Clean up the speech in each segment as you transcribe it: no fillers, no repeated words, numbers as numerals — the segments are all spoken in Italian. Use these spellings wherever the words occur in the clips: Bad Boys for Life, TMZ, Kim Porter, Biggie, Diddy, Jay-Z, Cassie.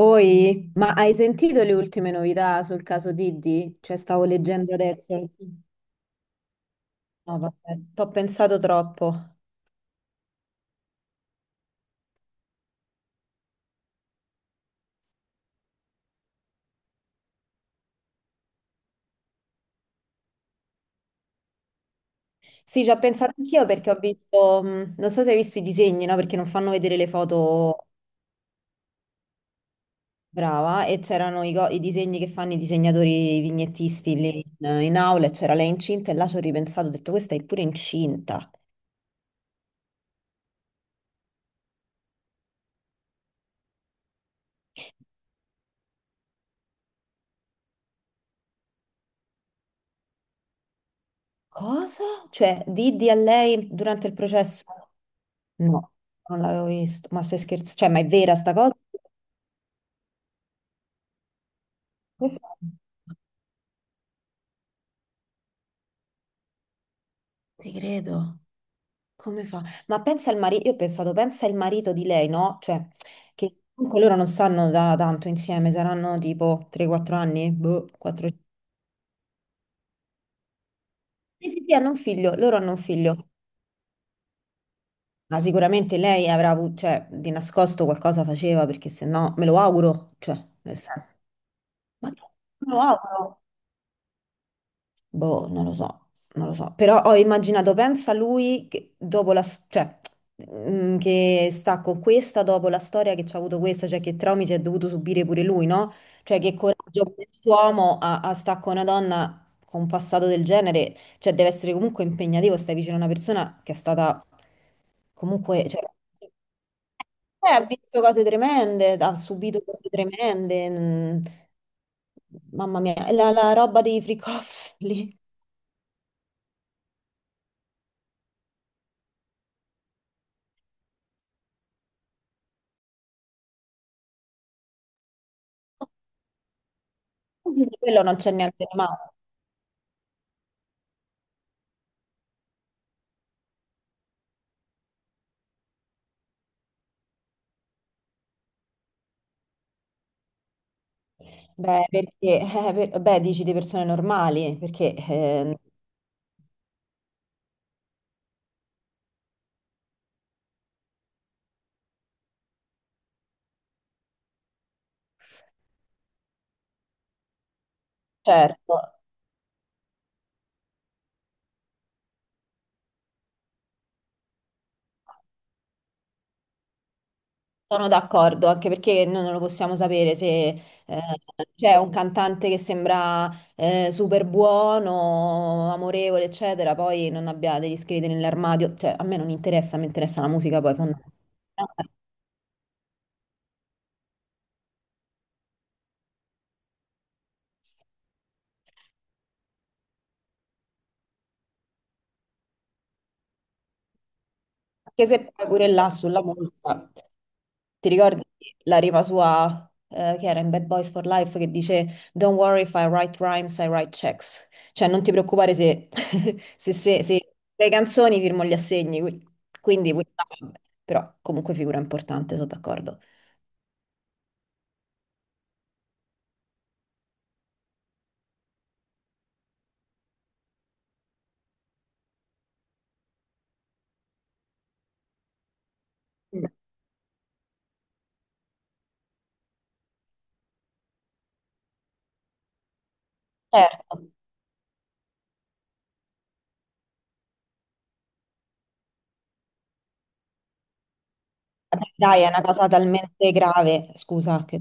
Oi, ma hai sentito le ultime novità sul caso Diddy? Cioè, stavo leggendo adesso. Sì. No, vabbè, t'ho pensato troppo. Sì, ci ho pensato anch'io perché ho visto, non so se hai visto i disegni, no? Perché non fanno vedere le foto, brava, e c'erano i disegni che fanno i disegnatori, i vignettisti lì in aula, e c'era lei incinta e là ci ho ripensato, ho detto, questa è pure incinta. Cosa? Cioè, Diddy a lei durante il processo? No, non l'avevo visto, ma stai scherzando? Cioè, ma è vera sta cosa? Questa- Ti credo, come fa? Ma pensa al marito, io ho pensato, pensa il marito di lei, no? Cioè, che comunque loro non stanno da tanto insieme, saranno tipo 3-4 anni, boh, 4... Sì, sì, sì, hanno un figlio, loro hanno un figlio, ma sicuramente lei avrà avuto, cioè, di nascosto qualcosa faceva, perché se no, me lo auguro, cioè, nel senso, ma che- me lo auguro. Boh, non lo so, non lo so. Però ho immaginato, pensa lui che cioè, che sta con questa dopo la storia che c'ha avuto questa, cioè che traumi si è dovuto subire pure lui, no? Cioè che coraggio quest'uomo a sta con una donna con un passato del genere, cioè, deve essere comunque impegnativo, stai vicino a una persona che è stata comunque, cioè, ha visto cose tremende, ha subito cose tremende. Mm. Mamma mia, la roba dei freak offs lì. Sì, sì, sì, quello non c'è niente di male. Beh, perché, beh, dici di persone normali, perché certo, sono d'accordo, anche perché noi non lo possiamo sapere se eh, c'è un cantante che sembra super buono, amorevole, eccetera, poi non abbia degli scheletri nell'armadio, cioè a me non interessa, mi interessa la musica poi fondamentalmente. Anche se poi pure là sulla musica, ti ricordi la rima sua che era in Bad Boys for Life che dice Don't worry if I write rhymes, I write checks. Cioè non ti preoccupare se, se le canzoni firmo gli assegni. Quindi, pure là, però comunque figura importante, sono d'accordo. Mm. Certo, vabbè, dai, è una cosa talmente grave, scusa, che,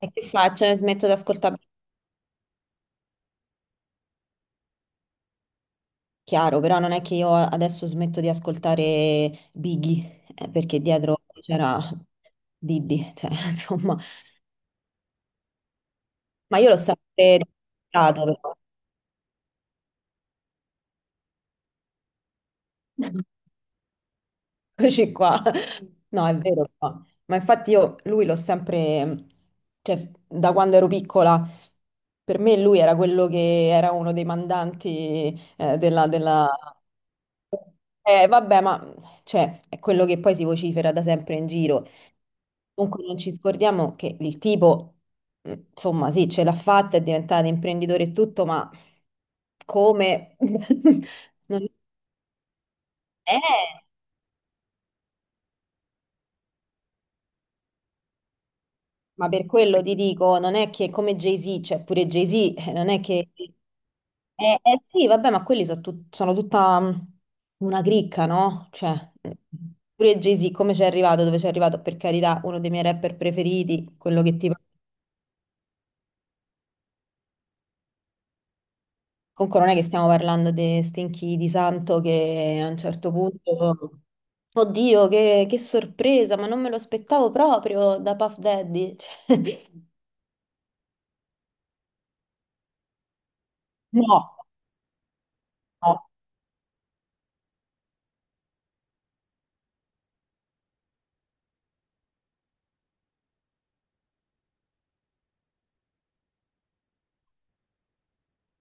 e che faccio? Smetto di ascoltare. Chiaro, però non è che io adesso smetto di ascoltare Biggie, perché dietro c'era Diddy, cioè, insomma, ma io l'ho sempre ascoltato, però. Eccoci qua. No, è vero, però. Ma infatti io lui l'ho sempre, cioè, da quando ero piccola, per me lui era quello che era uno dei mandanti della... vabbè, ma cioè, è quello che poi si vocifera da sempre in giro. Comunque non ci scordiamo che il tipo, insomma, sì, ce l'ha fatta, è diventato imprenditore e tutto, ma come? Non- Eh, ma per quello ti dico, non è che come Jay-Z, cioè pure Jay-Z, non è che... eh sì, vabbè, ma quelli sono tutta una cricca, no? Cioè, mh, pure Jay-Z, come ci è arrivato, dove ci è arrivato, per carità, uno dei miei rapper preferiti, quello che ti comunque non è che stiamo parlando di stinchi di santo che a un certo punto, oddio, che sorpresa, ma non me lo aspettavo proprio da Puff Daddy. Cioè, no, no.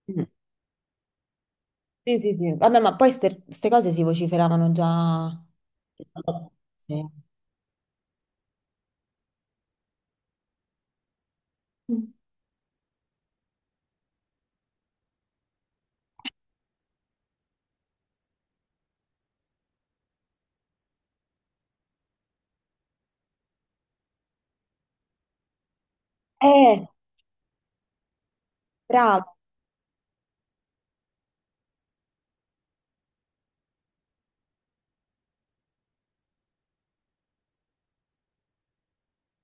Mm. Sì, sì, sì. Vabbè, ma poi queste cose si vociferavano già. Sì. Mm. Eh, bravo.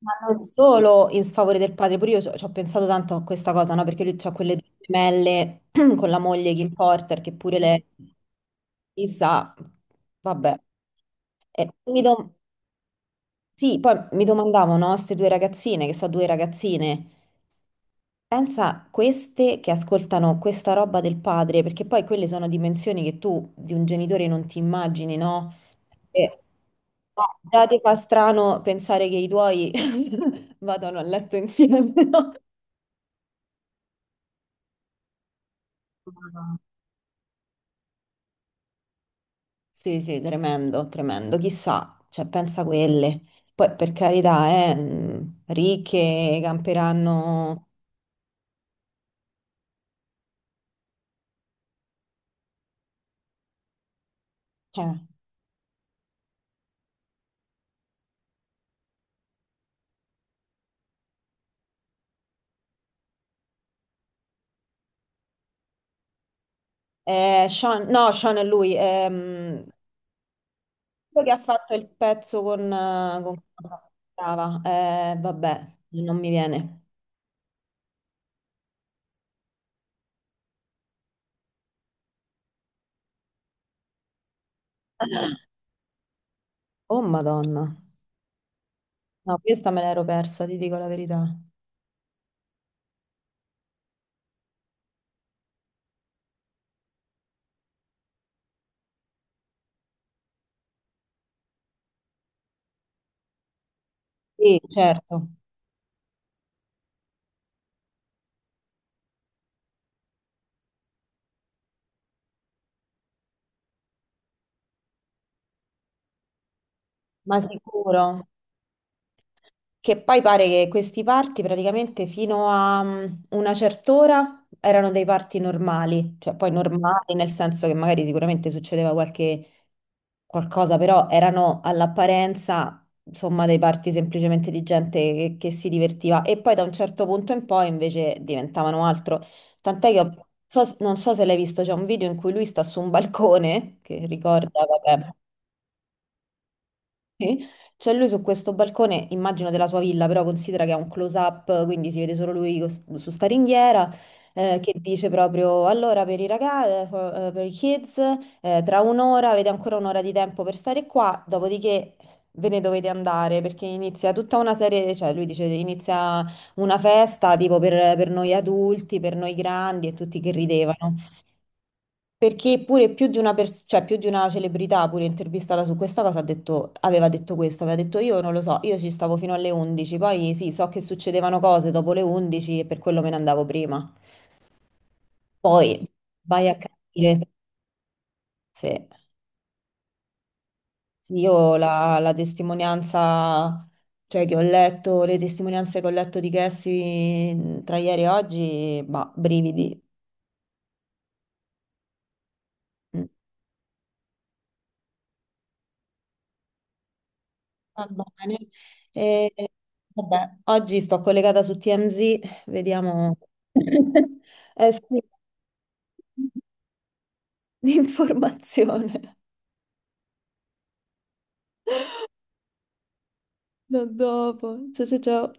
Ma non solo in sfavore del padre, pure io ci ho pensato tanto a questa cosa, no? Perché lui ha quelle due gemelle con la moglie Kim Porter, che pure lei, chissà, vabbè. E mi dom- sì, poi mi domandavo, no, queste due ragazzine, che sono due ragazzine, pensa queste che ascoltano questa roba del padre, perché poi quelle sono dimensioni che tu di un genitore non ti immagini, no? E, no, già ti fa strano pensare che i tuoi vadano a letto insieme, no? Ah, sì, sì, tremendo, tremendo, chissà, cioè pensa a quelle. Poi per carità, ricche, camperanno... Sean, no, Sean è lui, quello che ha fatto il pezzo con... Brava, vabbè, non mi viene. Oh Madonna. No, questa me l'ero persa, ti dico la verità. Sì, certo, ma sicuro. Che poi pare che questi party praticamente fino a una certa ora erano dei party normali, cioè poi normali nel senso che magari sicuramente succedeva qualche qualcosa, però erano all'apparenza insomma dei party semplicemente di gente che si divertiva e poi da un certo punto in poi invece diventavano altro. Tant'è che non so se l'hai visto, c'è un video in cui lui sta su un balcone, che ricorda, vabbè. Sì. C'è lui su questo balcone, immagino della sua villa, però considera che è un close-up, quindi si vede solo lui su sta ringhiera, che dice proprio, allora per i ragazzi, per i kids, tra un'ora, avete ancora un'ora di tempo per stare qua, dopodiché ve ne dovete andare, perché inizia tutta una serie, cioè lui dice, inizia una festa tipo per noi adulti, per noi grandi e tutti che ridevano. Perché pure più di una, cioè più di una celebrità, pure intervistata su questa cosa, ha detto, aveva detto questo, aveva detto io non lo so, io ci stavo fino alle 11, poi sì, so che succedevano cose dopo le 11 e per quello me ne andavo prima. Poi vai a capire se sì, io la testimonianza, cioè che ho letto, le testimonianze che ho letto di Cassie tra ieri e oggi, bah, brividi. Mm. Va bene. E, vabbè, oggi sto collegata su TMZ, vediamo. Eh sì, l'informazione. Da dopo. Ciao ciao ciao.